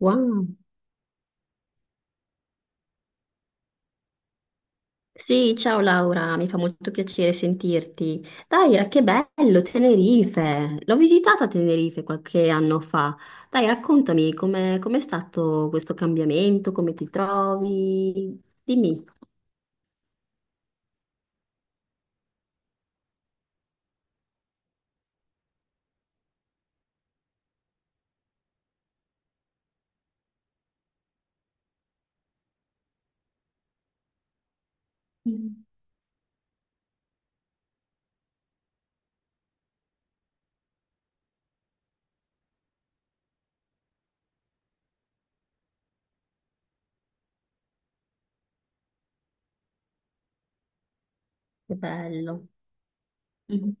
Wow. Sì, ciao Laura, mi fa molto piacere sentirti. Daira, che bello, Tenerife. L'ho visitata a Tenerife qualche anno fa. Dai, raccontami com'è stato questo cambiamento, come ti trovi? Dimmi. Mm. Che bello. Mm.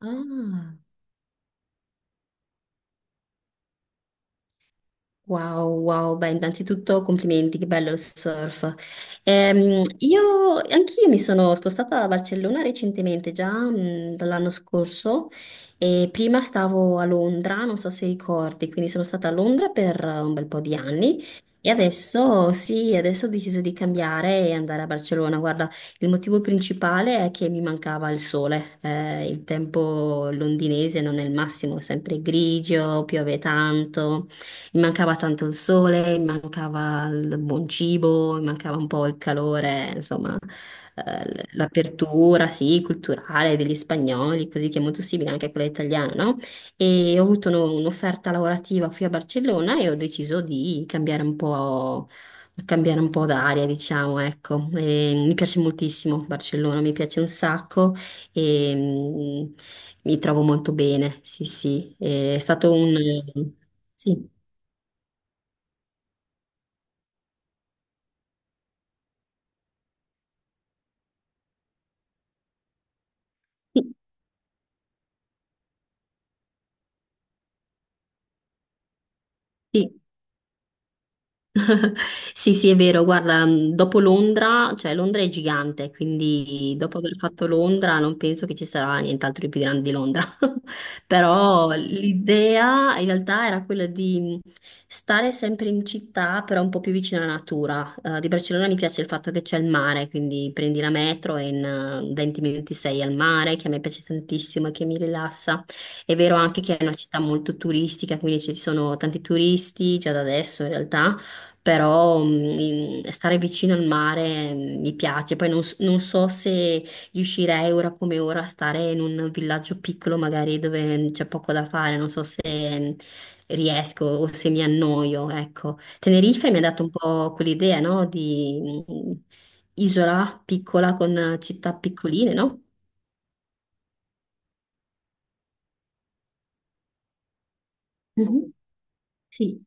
Ah. Wow, wow, beh, innanzitutto complimenti, che bello il surf. Io, anch'io mi sono spostata a Barcellona recentemente, già dall'anno scorso, e prima stavo a Londra, non so se ricordi, quindi sono stata a Londra per un bel po' di anni e adesso, sì, adesso ho deciso di cambiare e andare a Barcellona. Guarda, il motivo principale è che mi mancava il sole, il tempo londinese non è il massimo, è sempre grigio, piove tanto. Mi mancava tanto il sole, mi mancava il buon cibo, mi mancava un po' il calore, insomma, l'apertura, sì, culturale degli spagnoli, così che è molto simile anche a quella italiana, no? E ho avuto un'offerta lavorativa qui a Barcellona e ho deciso di cambiare un po' d'aria, diciamo, ecco. E mi piace moltissimo Barcellona, mi piace un sacco e mi trovo molto bene, sì, sì. È stato un... Sì. Sì, sì, Sì, sì, è vero, guarda, dopo Londra, cioè Londra è gigante, quindi dopo aver fatto Londra non penso che ci sarà nient'altro di più grande di Londra. Però l'idea in realtà era quella di stare sempre in città, però un po' più vicino alla natura. Di Barcellona mi piace il fatto che c'è il mare, quindi prendi la metro e in 20 minuti sei al mare, che a me piace tantissimo e che mi rilassa. È vero anche che è una città molto turistica, quindi ci sono tanti turisti già da adesso in realtà però stare vicino al mare mi piace. Poi non so se riuscirei ora come ora a stare in un villaggio piccolo, magari dove c'è poco da fare. Non so se mm, riesco o se mi annoio, ecco. Tenerife mi ha dato un po' quell'idea, no? Di isola piccola con città piccoline, no? Mhm. Sì.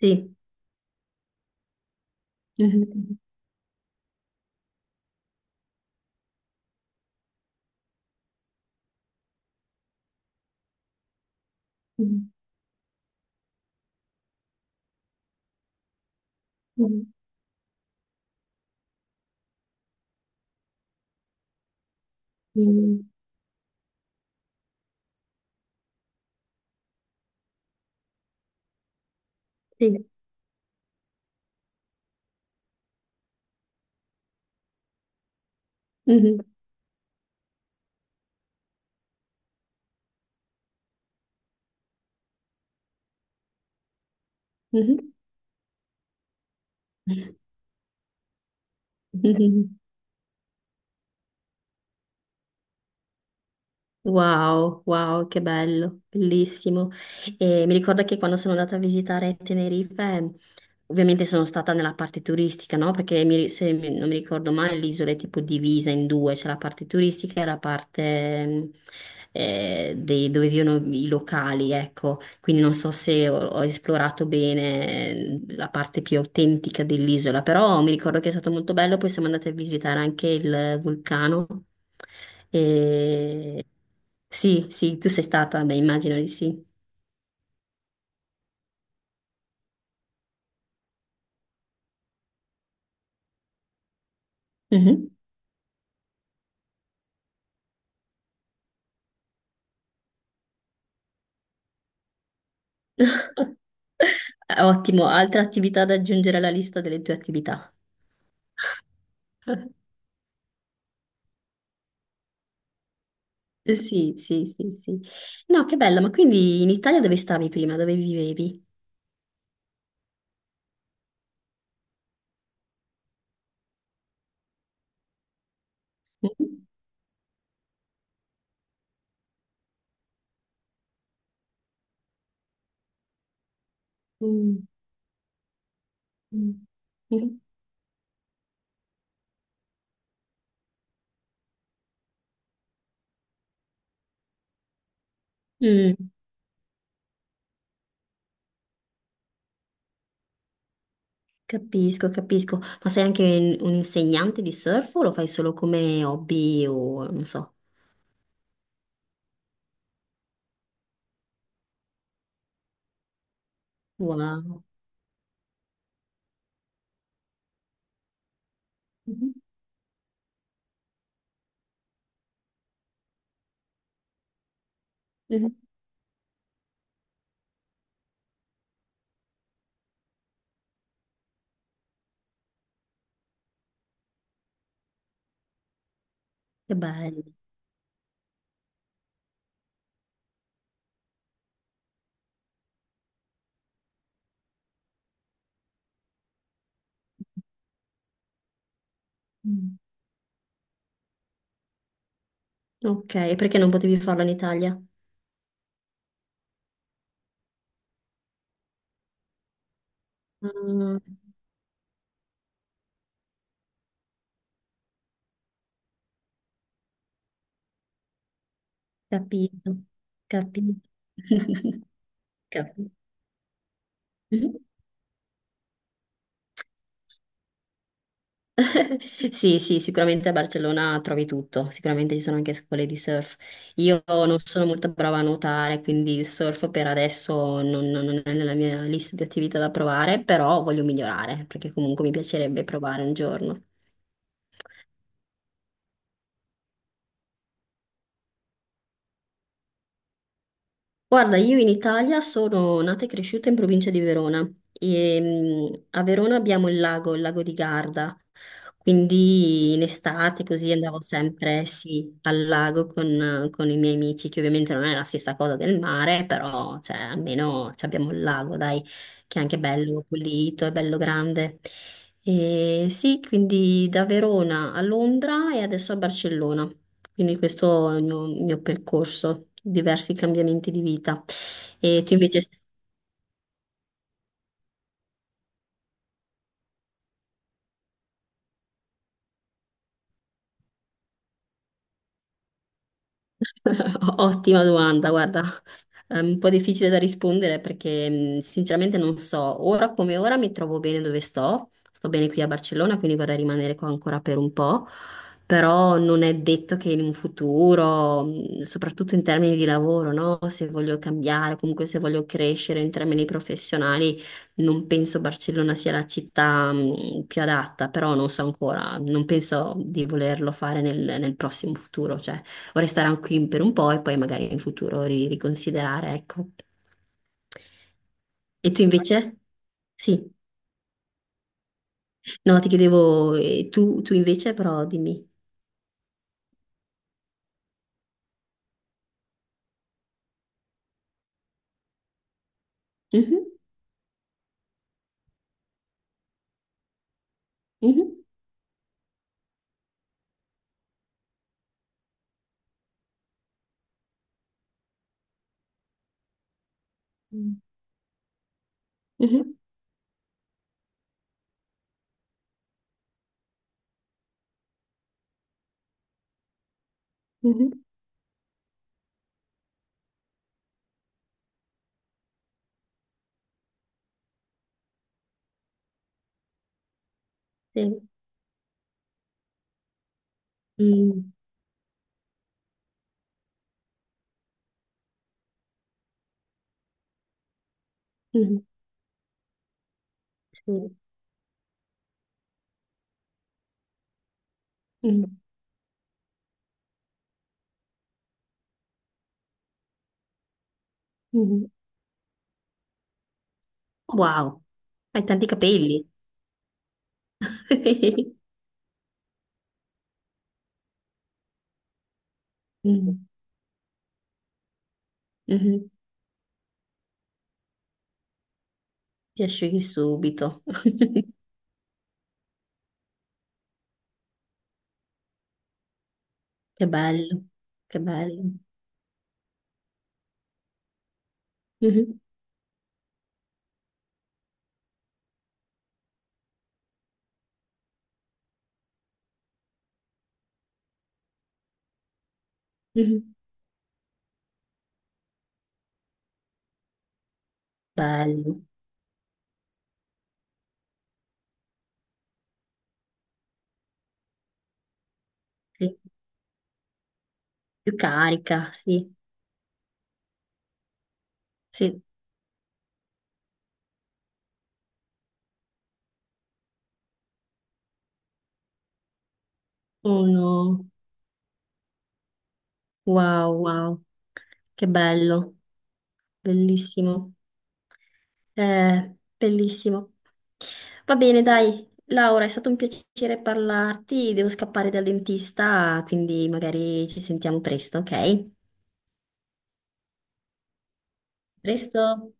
Sì. Mhm, mhm, mhm, mhm. Sì. Mhm. Mhm. Mhm. Wow, wow, che bello, bellissimo. E mi ricordo che quando sono andata a visitare Tenerife, ovviamente sono stata nella parte turistica, no? Perché mi- se mi- non mi ricordo male, l'isola è tipo divisa in due, c'è la parte turistica e la parte dove vivono i locali, ecco. Quindi non so se ho esplorato bene la parte più autentica dell'isola, però mi ricordo che è stato molto bello, poi siamo andati a visitare anche il vulcano. E... Sì, sì, tu sei stata, beh, immagino di sì. Mhm. Ottimo, altra attività da aggiungere alla lista delle tue attività. Sì, sì, sì, sì. No, che bella, ma quindi in Italia dove stavi prima? Dove vivevi? Mhm. Mm. Mm. Mhm. Mm, capisco, capisco. Ma sei anche un insegnante di surf o lo fai solo come hobby o non so? Wow. Mhm. Mhm. Che bello. Ok, perché non potevi farlo in Italia? Ah, capito, capito. Capito. Sì, sì, sicuramente a Barcellona trovi tutto, sicuramente ci sono anche scuole di surf. Io non sono molto brava a nuotare, quindi il surf per adesso non è nella mia lista di attività da provare, però voglio migliorare, perché comunque mi piacerebbe provare un giorno. Guarda, io in Italia sono nata e cresciuta in provincia di Verona e a Verona abbiamo il lago di Garda, quindi in estate così andavo sempre, sì, al lago con i miei amici, che ovviamente non è la stessa cosa del mare, però cioè, almeno ci abbiamo il lago, dai, che è anche bello pulito, è bello grande. E sì, quindi da Verona a Londra e adesso a Barcellona. Quindi questo è il mio percorso, diversi cambiamenti di vita. E tu invece... Ottima domanda, guarda, è un po' difficile da rispondere perché sinceramente non so, ora come ora mi trovo bene dove sto, sto bene qui a Barcellona, quindi vorrei rimanere qua ancora per un po', però non è detto che in un futuro, soprattutto in termini di lavoro, no? Se voglio cambiare, comunque se voglio crescere in termini professionali, non penso Barcellona sia la città più adatta, però non so ancora, non penso di volerlo fare nel prossimo futuro, cioè vorrei stare qui per un po' e poi magari in futuro riconsiderare, ecco. E tu invece? Sì, no, ti chiedevo, tu invece, però dimmi. Mhm, mhm. Mm. Mhm, mhm, sì, mm, mhm, sì, mm, mhm. Wow, hai tanti capelli. Mm, mhm. Ti asciughi subito. Che bello, che bello. Mhm, mhm. Bello, sì. Più carica, sì. Sì, uno. Wow, wow, che bello, bellissimo. Bellissimo. Va bene, dai, Laura, è stato un piacere parlarti. Devo scappare dal dentista, quindi magari ci sentiamo presto, ok? Presto.